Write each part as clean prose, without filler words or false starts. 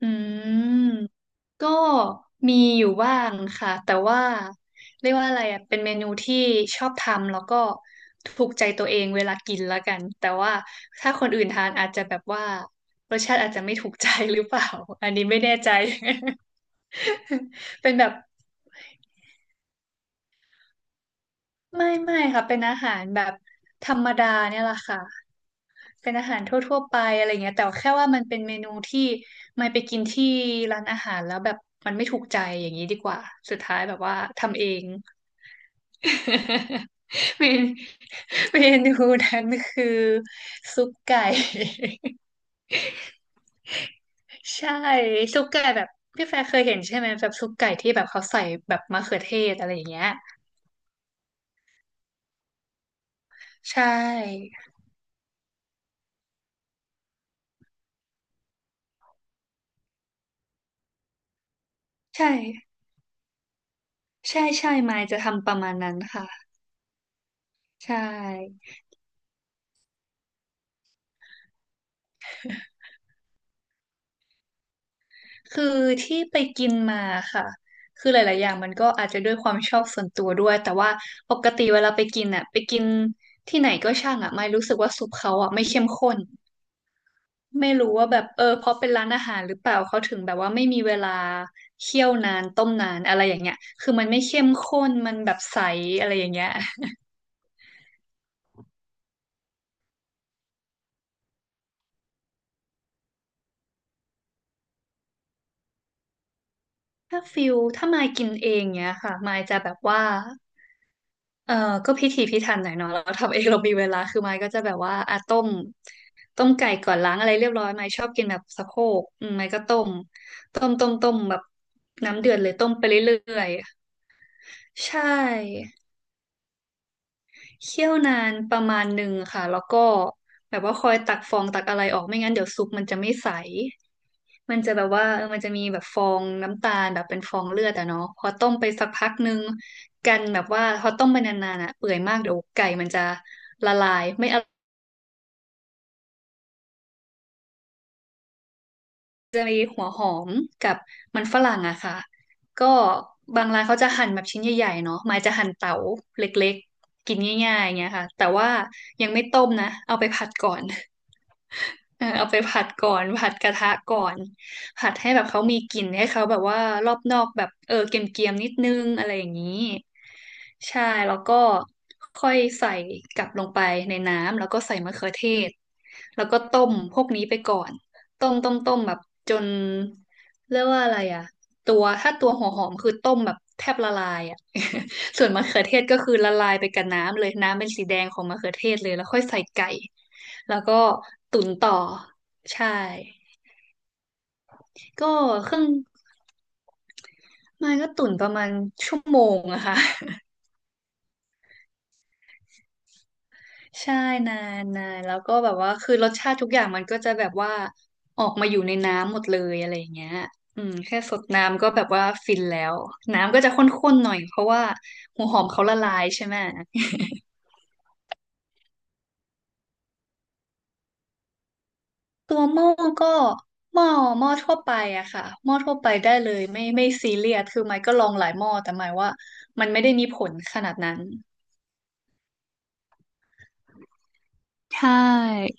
อืมก็มีอยู่บ้างค่ะแต่ว่าเรียกว่าอะไรอ่ะเป็นเมนูที่ชอบทำแล้วก็ถูกใจตัวเองเวลากินแล้วกันแต่ว่าถ้าคนอื่นทานอาจจะแบบว่ารสชาติอาจจะไม่ถูกใจหรือเปล่า อันนี้ไม่แน่ใจ เป็นแบบไม่ค่ะเป็นอาหารแบบธรรมดาเนี่ยแหละค่ะ เป็นอาหารทั่วๆไปอะไรเงี้ยแต่แค่ว่ามันเป็นเมนูที่ไม่ไปกินที่ร้านอาหารแล้วแบบมันไม่ถูกใจอย่างนี้ดีกว่าสุดท้ายแบบว่าทำเอง เมนเมนูนั้นคือซุปไก่ ใช่ซุปไก่แบบพี่แฟร์เคยเห็นใช่ไหมแบบซุปไก่ที่แบบเขาใส่แบบมะเขือเทศอะไรอย่างเงี้ยใช่ใช่ใช่มายจะทำประมาณนั้นค่ะใช่ คือที่ไปกินมาค่ะ คือหลายๆอย่างมันก็อาจจะด้วยความชอบส่วนตัวด้วย แต่ว่าปกติเวลาไปกินอ่ะ ไปกินที่ไหนก็ช่างอ่ะไม่รู้สึกว่าซุปเขาอ่ะไม่เข้มข้น ไม่รู้ว่าแบบเออเพราะเป็นร้านอาหารหรือเปล่าเขาถึงแบบว่าไม่มีเวลาเคี่ยวนานต้มนานอะไรอย่างเงี้ยคือมันไม่เข้มข้นมันแบบใสอะไรอย่างเงี้ยถ้าฟิลถ้ามายกินเองเงี้ยค่ะมายจะแบบว่า เออก็พิถีพิถันหน่อยเนาะเราทำเองเรามีเวลาคือไม้ก็จะแบบว่าอ่ะต้มไก่ก่อนล้างอะไรเรียบร้อยไม้ชอบกินแบบสะโพกอืมไม้ก็ต้มต้มแบบน้ำเดือดเลยต้มไปเรื่อยๆใช่ เคี่ยวนานประมาณหนึ่งค่ะแล้วก็แบบว่าคอยตักฟองตักอะไรออกไม่งั้นเดี๋ยวซุปมันจะไม่ใสมันจะแบบว่าเออมันจะมีแบบฟองน้ำตาลแบบเป็นฟองเลือดอะเนาะพอต้มไปสักพักนึงกันแบบว่าพอต้มไปนานๆอะเปื่อยมากเดี๋ยวไก่มันจะละลายไม่อร่อยจะมีหัวหอมกับมันฝรั่งอะค่ะก็บางร้านเขาจะหั่นแบบชิ้นใหญ่ๆเนาะหมายจะหั่นเต๋าเล็กๆกินง่ายๆอย่างเงี้ยค่ะแต่ว่ายังไม่ต้มนะเอาไปผัดก่อน เออเอาไปผัดก่อนผัดกระทะก่อนผัดให้แบบเขามีกลิ่นให้เขาแบบว่ารอบนอกแบบเออเกรียมๆนิดนึงอะไรอย่างนี้ใช่แล้วก็ค่อยใส่กลับลงไปในน้ำแล้วก็ใส่มะเขือเทศแล้วก็ต้มพวกนี้ไปก่อนต้มแบบจนเรียกว่าอะไรอ่ะ ตัวถ้าตัวหัวหอมคือต้มแบบแทบละลายอ่ะ ส่วนมะเขือเทศก็คือละลายไปกับน้ำเลยน้ำเป็นสีแดงของมะเขือเทศเลยแล้วค่อยใส่ไก่แล้วก็ตุ๋นต่อใช่ก็เครื่องมันก็ตุ๋นประมาณชั่วโมงอะค่ะ ใช่นานานแล้วก็แบบว่าคือรสชาติทุกอย่างมันก็จะแบบว่าออกมาอยู่ในน้ำหมดเลยอะไรอย่างเงี้ยอืมแค่สดน้ำก็แบบว่าฟินแล้วน้ำก็จะข้นๆหน่อยเพราะว่าหัวหอมเขาละลายใช่ไหม ตัวหม้อก็หม้อหม้อทั่วไปอะค่ะหม้อทั่วไปได้เลยไม่ซีเรียสคือไมค์ก็ลองหลายหม้อแต่หมายว่ามันไม่ได้มีผลขนาดนั้นใช่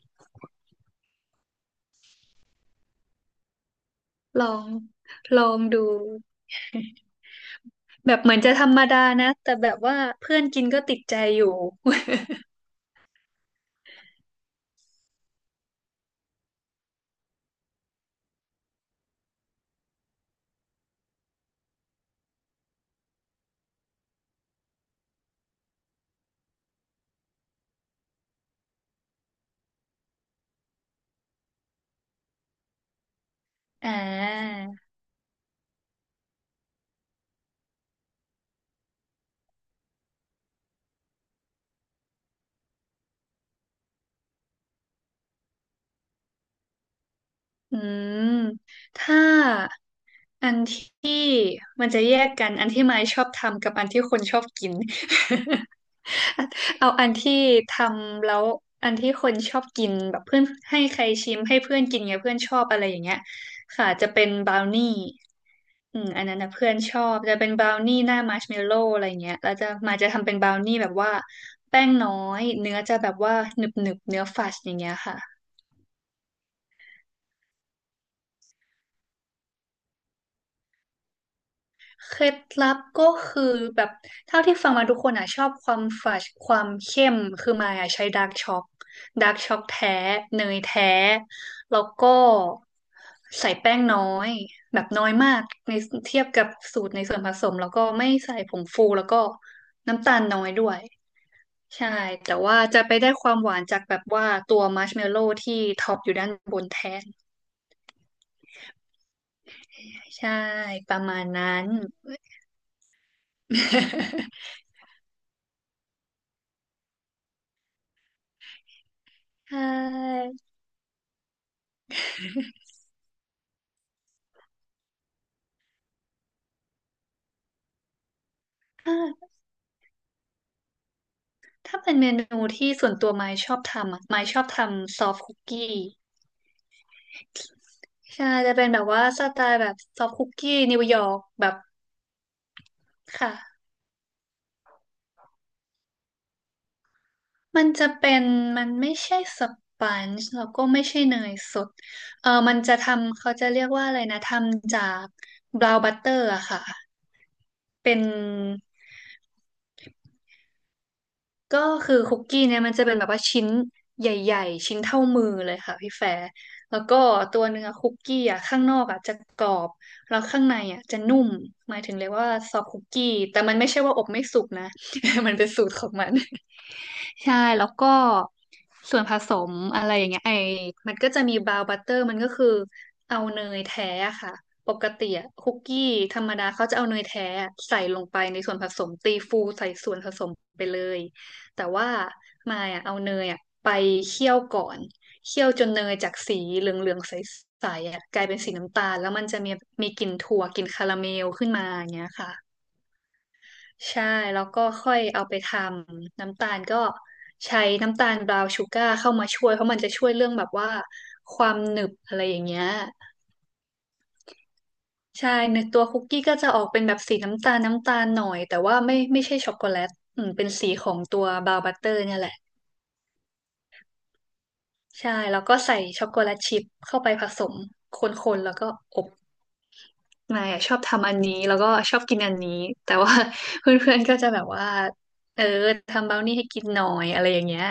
ลองลองดูแบบเหมือนจะธรรมดานะแต่แบบว่าเพื่อนกินก็ติดใจอยู่ อ่าอืมถ้าอันที่มันจะแยกกันอันที่ไมค์ชอบทำกับอันที่คนชอบกิน เอาอันที่ทำแล้วอันที่คนชอบกินแบบเพื่อนให้ใครชิมให้เพื่อนกินไงเพื่อนชอบอะไรอย่างเงี้ยค่ะจะเป็นบราวนี่อืมอันนั้นนะเพื่อนชอบจะเป็นบราวนี่หน้ามัชเมลโล่อะไรเงี้ยแล้วจะมาจะทำเป็นบราวนี่แบบว่าแป้งน้อยเนื้อจะแบบว่าหนึบหนึบเนื้อฟัดอย่างเงี้ยค่ะ เคล็ดลับก็คือแบบเท่าที่ฟังมาทุกคนอ่ะชอบความฝาดความเข้มคือมายอ่ะใช้ดาร์กช็อกแท้เนยแท้แล้วก็ใส่แป้งน้อยแบบน้อยมากในเทียบกับสูตรในส่วนผสมแล้วก็ไม่ใส่ผงฟูแล้วก็น้ำตาลน้อยด้วยใช่แต่ว่าจะไปได้ความหวานจากแบบว่าตัวมัชเมลโล่ที่ท็อปอยู่ด้านบนแทนใช่ประมาณนั้น ใช่ใช่ ถ้าเป็นเมนูที่ส่วนตัวไม้ชอบทำอะไม้ชอบทำซอฟคุกกี้ใช่จะเป็นแบบว่าสไตล์แบบซอฟคุกกี้นิวยอร์กแบบค่ะมันจะเป็นมันไม่ใช่สปันจ์แล้วก็ไม่ใช่เนยสดเออมันจะทำเขาจะเรียกว่าอะไรนะทำจากบราวน์บัตเตอร์อะค่ะเป็น ก็คือคุกกี้เนี่ยมันจะเป็นแบบว่าชิ้นใหญ่ๆชิ้นเท่ามือเลยค่ะพี่แฟร์แล้วก็ตัวเนื้อคุกกี้อ่ะข้างนอกอ่ะจะกรอบแล้วข้างในอ่ะจะนุ่มหมายถึงเรียกว่าซอฟต์คุกกี้แต่มันไม่ใช่ว่าอบไม่สุกนะ มันเป็นสูตรของมัน ใช่แล้วก็ส่วนผสมอะไรอย่างเงี้ยไอมันก็จะมีบราวน์บัตเตอร์มันก็คือเอาเนยแท้อะค่ะปกติอะคุกกี้ธรรมดาเขาจะเอาเนยแท้อะใส่ลงไปในส่วนผสมตีฟูใส่ส่วนผสมไปเลยแต่ว่ามายอะเอาเนยอะไปเคี่ยวก่อนเคี่ยวจนเนยจากสีเหลืองๆใสๆอะกลายเป็นสีน้ำตาลแล้วมันจะมีมีกลิ่นถั่วกลิ่นคาราเมลขึ้นมาอย่างเงี้ยค่ะ ใช่แล้วก็ค่อยเอาไปทำน้ำตาลก็ใช้น้ำตาลบราวน์ชูการ์เข้ามาช่วยเพราะมันจะช่วยเรื่องแบบว่าความหนึบอะไรอย่างเงี้ยใช่ในตัวคุกกี้ก็จะออกเป็นแบบสีน้ำตาลน้ำตาลหน่อยแต่ว่าไม่ใช่ช็อกโกแลตอืมเป็นสีของตัวบราวน์บัตเตอร์เนี่ยแหละใช่แล้วก็ใส่ช็อกโกแลตชิพเข้าไปผสมคนๆแล้วก็อบนายอะชอบทำอันนี้แล้วก็ชอบกินอันนี้แต่ว่า เพื่อนๆก็จะแบบว่าเออทำบราวนี่ให้กินหน่อยอะไรอย่างเงี้ย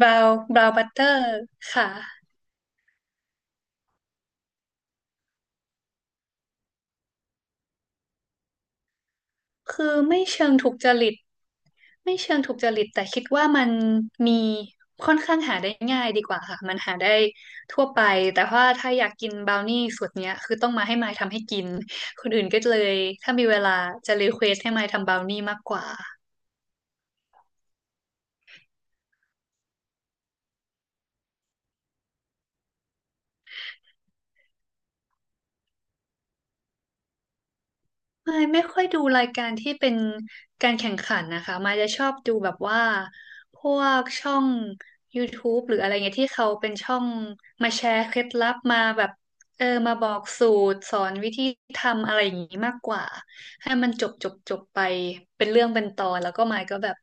บราวน์บัตเตอร์ค่ะคือไม่เชิงถูกจริตไม่เชิงถูกจริตแต่คิดว่ามันมีค่อนข้างหาได้ง่ายดีกว่าค่ะมันหาได้ทั่วไปแต่ว่าถ้าอยากกินบราวนี่สูตรเนี้ยคือต้องมาให้มายทำให้กินคนอื่นก็เลยถ้ามีเวลาจะรีเควสให้มายทำบราวนี่มากกว่า ไม่ค่อยดูรายการที่เป็นการแข่งขันนะคะมายจะชอบดูแบบว่าพวกช่อง YouTube หรืออะไรเงี้ยที่เขาเป็นช่องมาแชร์เคล็ดลับมาแบบเออมาบอกสูตรสอนวิธีทำอะไรอย่างงี้มากกว่าให้มันจบไปเป็นเรื่องเป็นตอนแล้วก็มายก็แบบ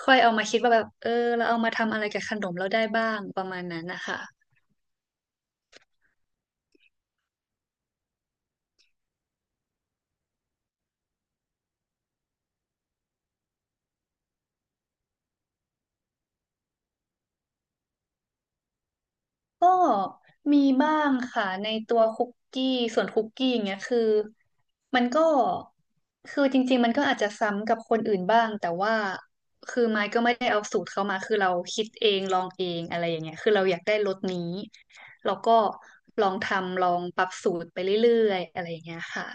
ค่อยเอามาคิดว่าแบบเออเราเอามาทำอะไรกับขนมเราได้บ้างประมาณนั้นนะคะ ก็มีบ้างค่ะในตัวคุกกี้ส่วนคุกกี้อย่างเงี้ยคือมันก็คือจริงๆมันก็อาจจะซ้ำกับคนอื่นบ้างแต่ว่าคือไม้ก็ไม่ได้เอาสูตรเขามาคือเราคิดเองลองเองอะไรอย่างเงี้ยคือเราอยากได้รสนี้เราก็ลองทำลองปรับสูตรไปเรื่อยๆอะไรอย่างเงี้ยค่ะ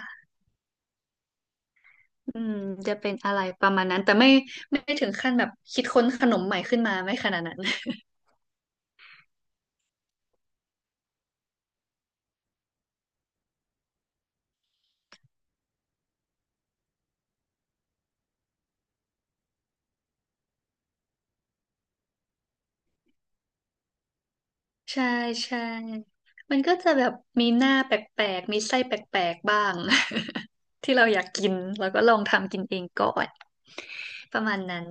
อืมจะเป็นอะไรประมาณนั้นแต่ไม่ถึงขั้นแบบคิดค้นขนมใหม่ขึ้นมาไม่ขนาดนั้น ใช่ใช่ มันก็จะแบบมีหน้าแปลกๆมีไส้แปลกๆบ้าง ที่เราอยากกินเราก็ลองทำกินเองก่อนประมาณนั้น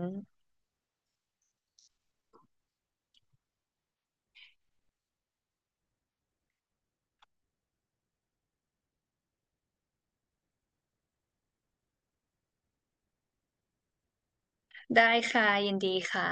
ได้ค่ะยินดีค่ะ